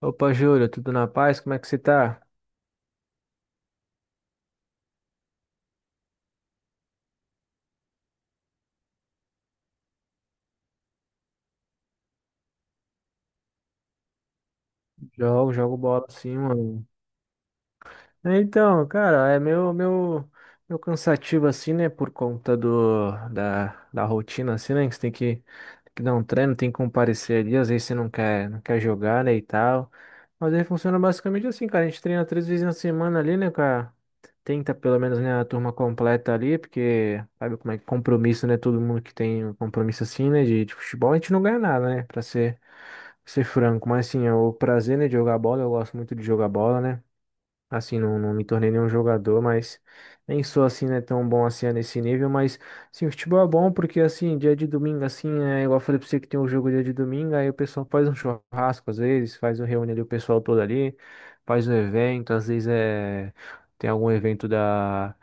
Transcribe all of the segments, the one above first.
Opa, Júlia, tudo na paz? Como é que você tá? Jogo, jogo bola sim, mano. É, então, cara, é meu cansativo assim, né? Por conta da rotina, assim, né? Que você tem que dar um treino, tem que comparecer ali, às vezes você não quer jogar, né? E tal. Mas aí funciona basicamente assim, cara. A gente treina três vezes na semana ali, né, cara? Tenta pelo menos, né, a turma completa ali, porque sabe como é que compromisso, né? Todo mundo que tem um compromisso assim, né? De futebol, a gente não ganha nada, né? Pra ser franco. Mas assim, é o prazer, né, de jogar bola, eu gosto muito de jogar bola, né? Assim, não me tornei nenhum jogador, mas nem sou assim, né, tão bom assim é nesse nível, mas sim, o futebol é bom porque assim, dia de domingo, assim, é igual eu falei pra você que tem um jogo dia de domingo, aí o pessoal faz um churrasco às vezes, faz um reúne ali o pessoal todo ali, faz um evento, às vezes é tem algum evento da,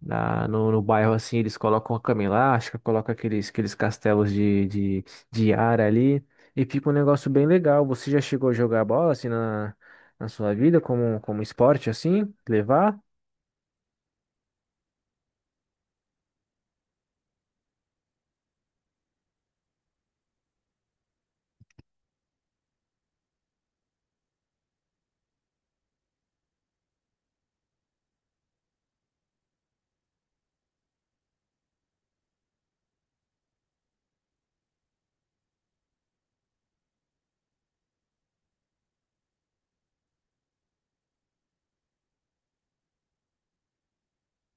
da no, no bairro assim, eles colocam a cama elástica, colocam aqueles castelos de ar ali. E fica um negócio bem legal. Você já chegou a jogar bola assim na sua vida como, como esporte, assim, levar.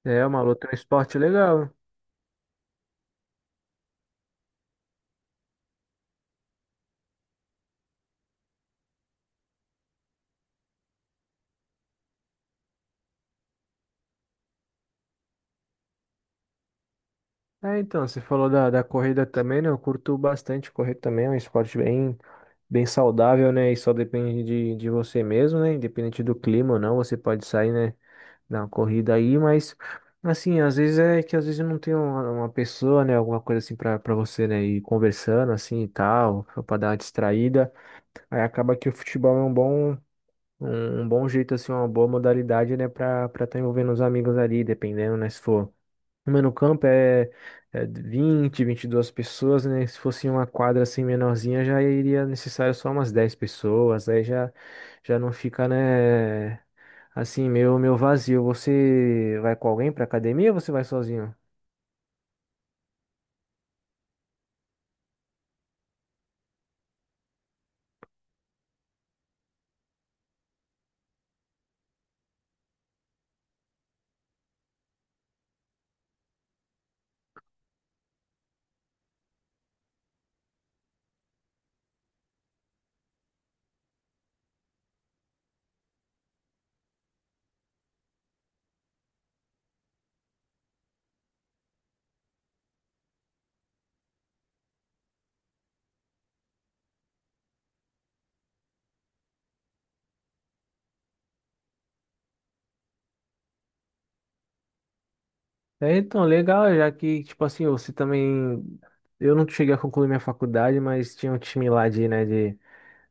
É uma luta, é um esporte legal. É, então, você falou da corrida também, né? Eu curto bastante correr também, é um esporte bem, bem saudável, né? E só depende de você mesmo, né? Independente do clima ou não, você pode sair, né? Dar uma corrida aí, mas assim, às vezes é que às vezes eu não tem uma pessoa, né? Alguma coisa assim pra você, né? Ir conversando assim e tal, pra dar uma distraída. Aí acaba que o futebol é um bom. Um bom jeito, assim, uma boa modalidade, né, pra estar tá envolvendo os amigos ali, dependendo, né, se for. Uma no campo é, é 22 pessoas, né? Se fosse uma quadra assim menorzinha, já iria necessário só umas 10 pessoas, aí já não fica, né, assim, meio vazio. Você vai com alguém pra academia ou você vai sozinho? É, então, legal, já que, tipo assim, você também. Eu não cheguei a concluir minha faculdade, mas tinha um time lá de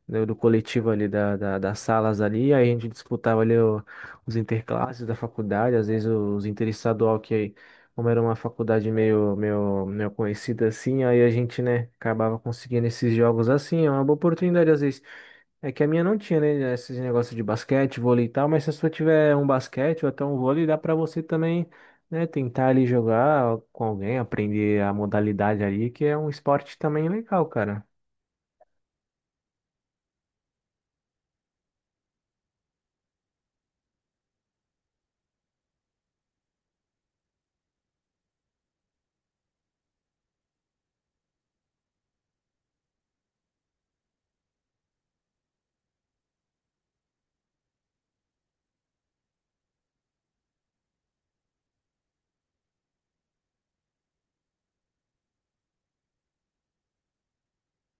né, do coletivo ali da das salas ali, aí a gente disputava ali o- os interclasses da faculdade, às vezes os interestadual que como era uma faculdade meio conhecida assim, aí a gente, né, acabava conseguindo esses jogos assim, é uma boa oportunidade às vezes. É que a minha não tinha, né, esses negócios de basquete, vôlei e tal, mas se a sua tiver um basquete ou até um vôlei, dá pra você também, né, tentar ali jogar com alguém, aprender a modalidade ali, que é um esporte também legal, cara.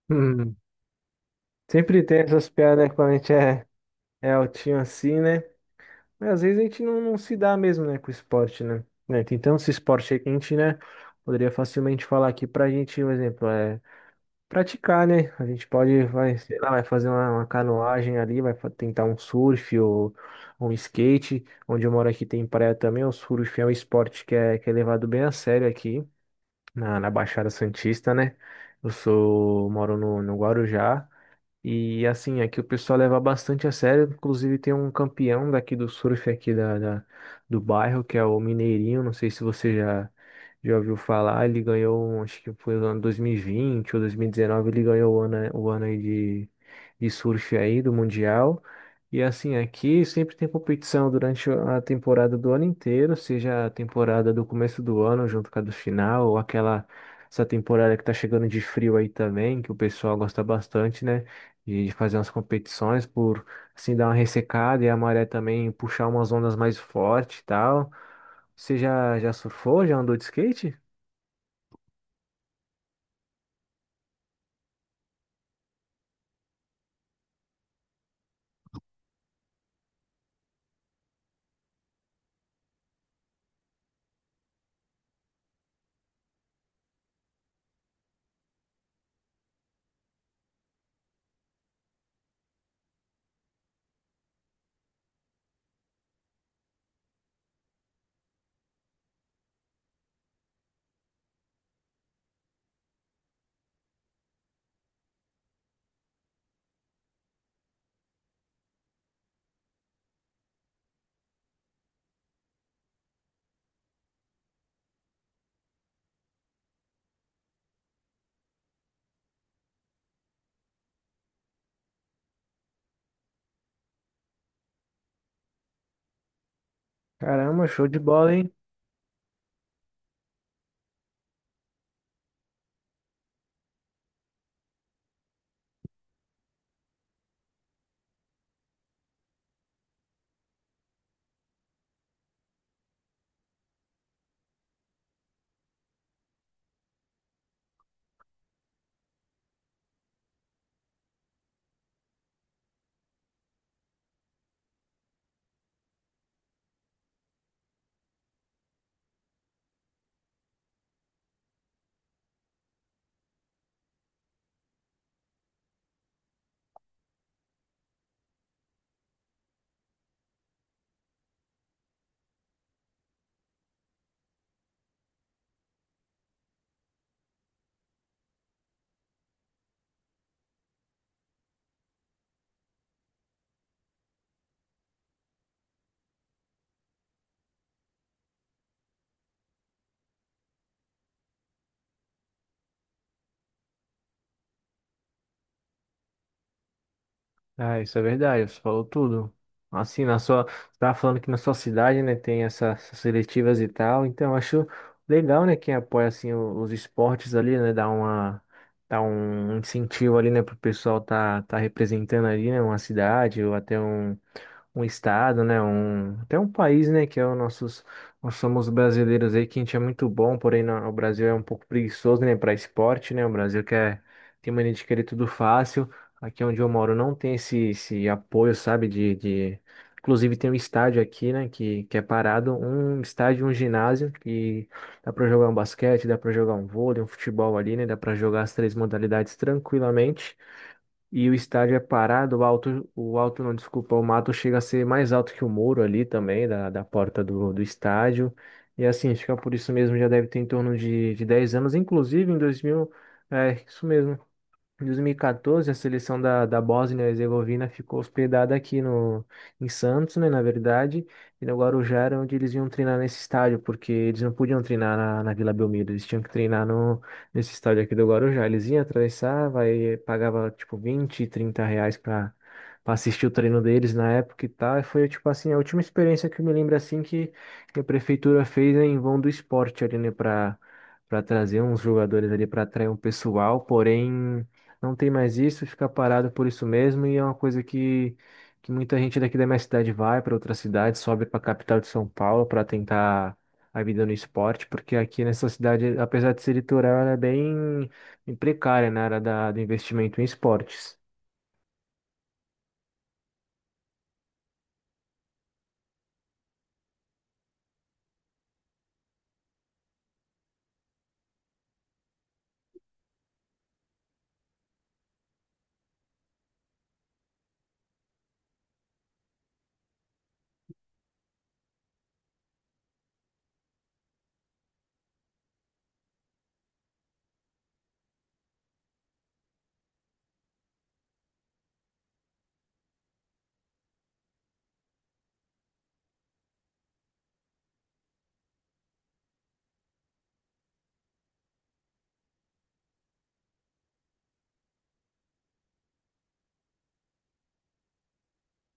Sempre tem essas piadas, né, quando a gente é, é altinho assim, né? Mas às vezes a gente não se dá mesmo, né, com o esporte, né? Né, tem tanto esse esporte aí que a gente, né, poderia facilmente falar aqui pra gente, por exemplo, é praticar, né? A gente pode, vai, sei lá, vai fazer uma canoagem ali, tentar um surf ou um skate. Onde eu moro aqui tem praia também, o surf é um esporte que é levado bem a sério aqui na Baixada Santista, né? Eu sou, moro no Guarujá. E assim, aqui o pessoal leva bastante a sério. Inclusive tem um campeão daqui do surf aqui da, da- do bairro, que é o Mineirinho. Não sei se você já ouviu falar. Ele ganhou, um, acho que foi no ano 2020 ou 2019, ele ganhou o ano aí de surf aí do Mundial. E assim, aqui sempre tem competição durante a temporada do ano inteiro, seja a temporada do começo do ano junto com a do final, ou aquela essa temporada que tá chegando de frio aí também, que o pessoal gosta bastante, né? De fazer umas competições por assim dar uma ressecada e a maré também puxar umas ondas mais fortes e tal. Você já surfou? Já andou de skate? Caramba, show de bola, hein? Ah, isso é verdade, você falou tudo. Assim, na sua, você tava falando que na sua cidade, né, tem essas seletivas e tal, então eu acho legal, né, quem apoia, assim, o- os esportes ali, né, dá uma, dá um incentivo ali, né, pro pessoal tá, tá representando ali, né, uma cidade ou até um um estado, né, um, até um país, né, que é o nossos, nós somos brasileiros aí, que a gente é muito bom, porém na- o Brasil é um pouco preguiçoso, né, para esporte, né, o Brasil quer, tem mania de querer tudo fácil, aqui onde eu moro não tem esse, esse apoio, sabe, de inclusive tem um estádio aqui, né, que é parado, um estádio, um ginásio, que dá para jogar um basquete, dá para jogar um vôlei, um futebol ali, né, dá para jogar as três modalidades tranquilamente, e o estádio é parado, o alto não, desculpa, o mato chega a ser mais alto que o muro ali também, da porta do estádio. E assim, acho por isso mesmo já deve ter em torno de 10 anos, inclusive em 2000 é, isso mesmo, em 2014, a seleção da Bósnia-Herzegovina ficou hospedada aqui no, em Santos, né, na verdade, e no Guarujá era onde eles iam treinar nesse estádio, porque eles não podiam treinar na Vila Belmiro, eles tinham que treinar no, nesse estádio aqui do Guarujá. Eles iam atravessar, vai, pagava tipo 20, R$ 30 para assistir o treino deles na época e tal, e foi tipo assim, a última experiência que eu me lembro assim que a prefeitura fez né, em vão do esporte ali, né, para trazer uns jogadores ali para atrair um pessoal, porém não tem mais isso, fica parado por isso mesmo, e é uma coisa que muita gente daqui da minha cidade vai para outra cidade, sobe para a capital de São Paulo para tentar a vida no esporte, porque aqui nessa cidade, apesar de ser litoral, ela é bem, bem precária né, na área do investimento em esportes.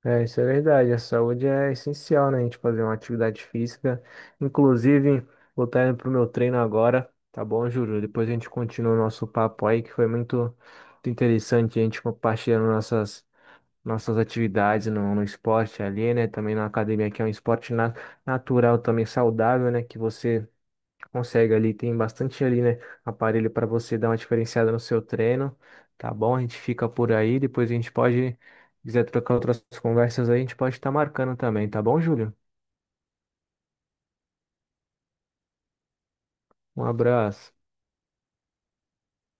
É, isso é verdade. A saúde é essencial, né? A gente fazer uma atividade física. Inclusive, vou estar indo pro meu treino agora, tá bom, Júlio? Depois a gente continua o nosso papo aí, que foi muito interessante a gente compartilhando nossas atividades no, no esporte ali, né? Também na academia, que é um esporte natural, também saudável, né? Que você consegue ali, tem bastante ali, né? Aparelho para você dar uma diferenciada no seu treino, tá bom? A gente fica por aí, depois a gente pode, se quiser trocar outras conversas aí, a gente pode estar marcando também, tá bom, Júlio? Um abraço.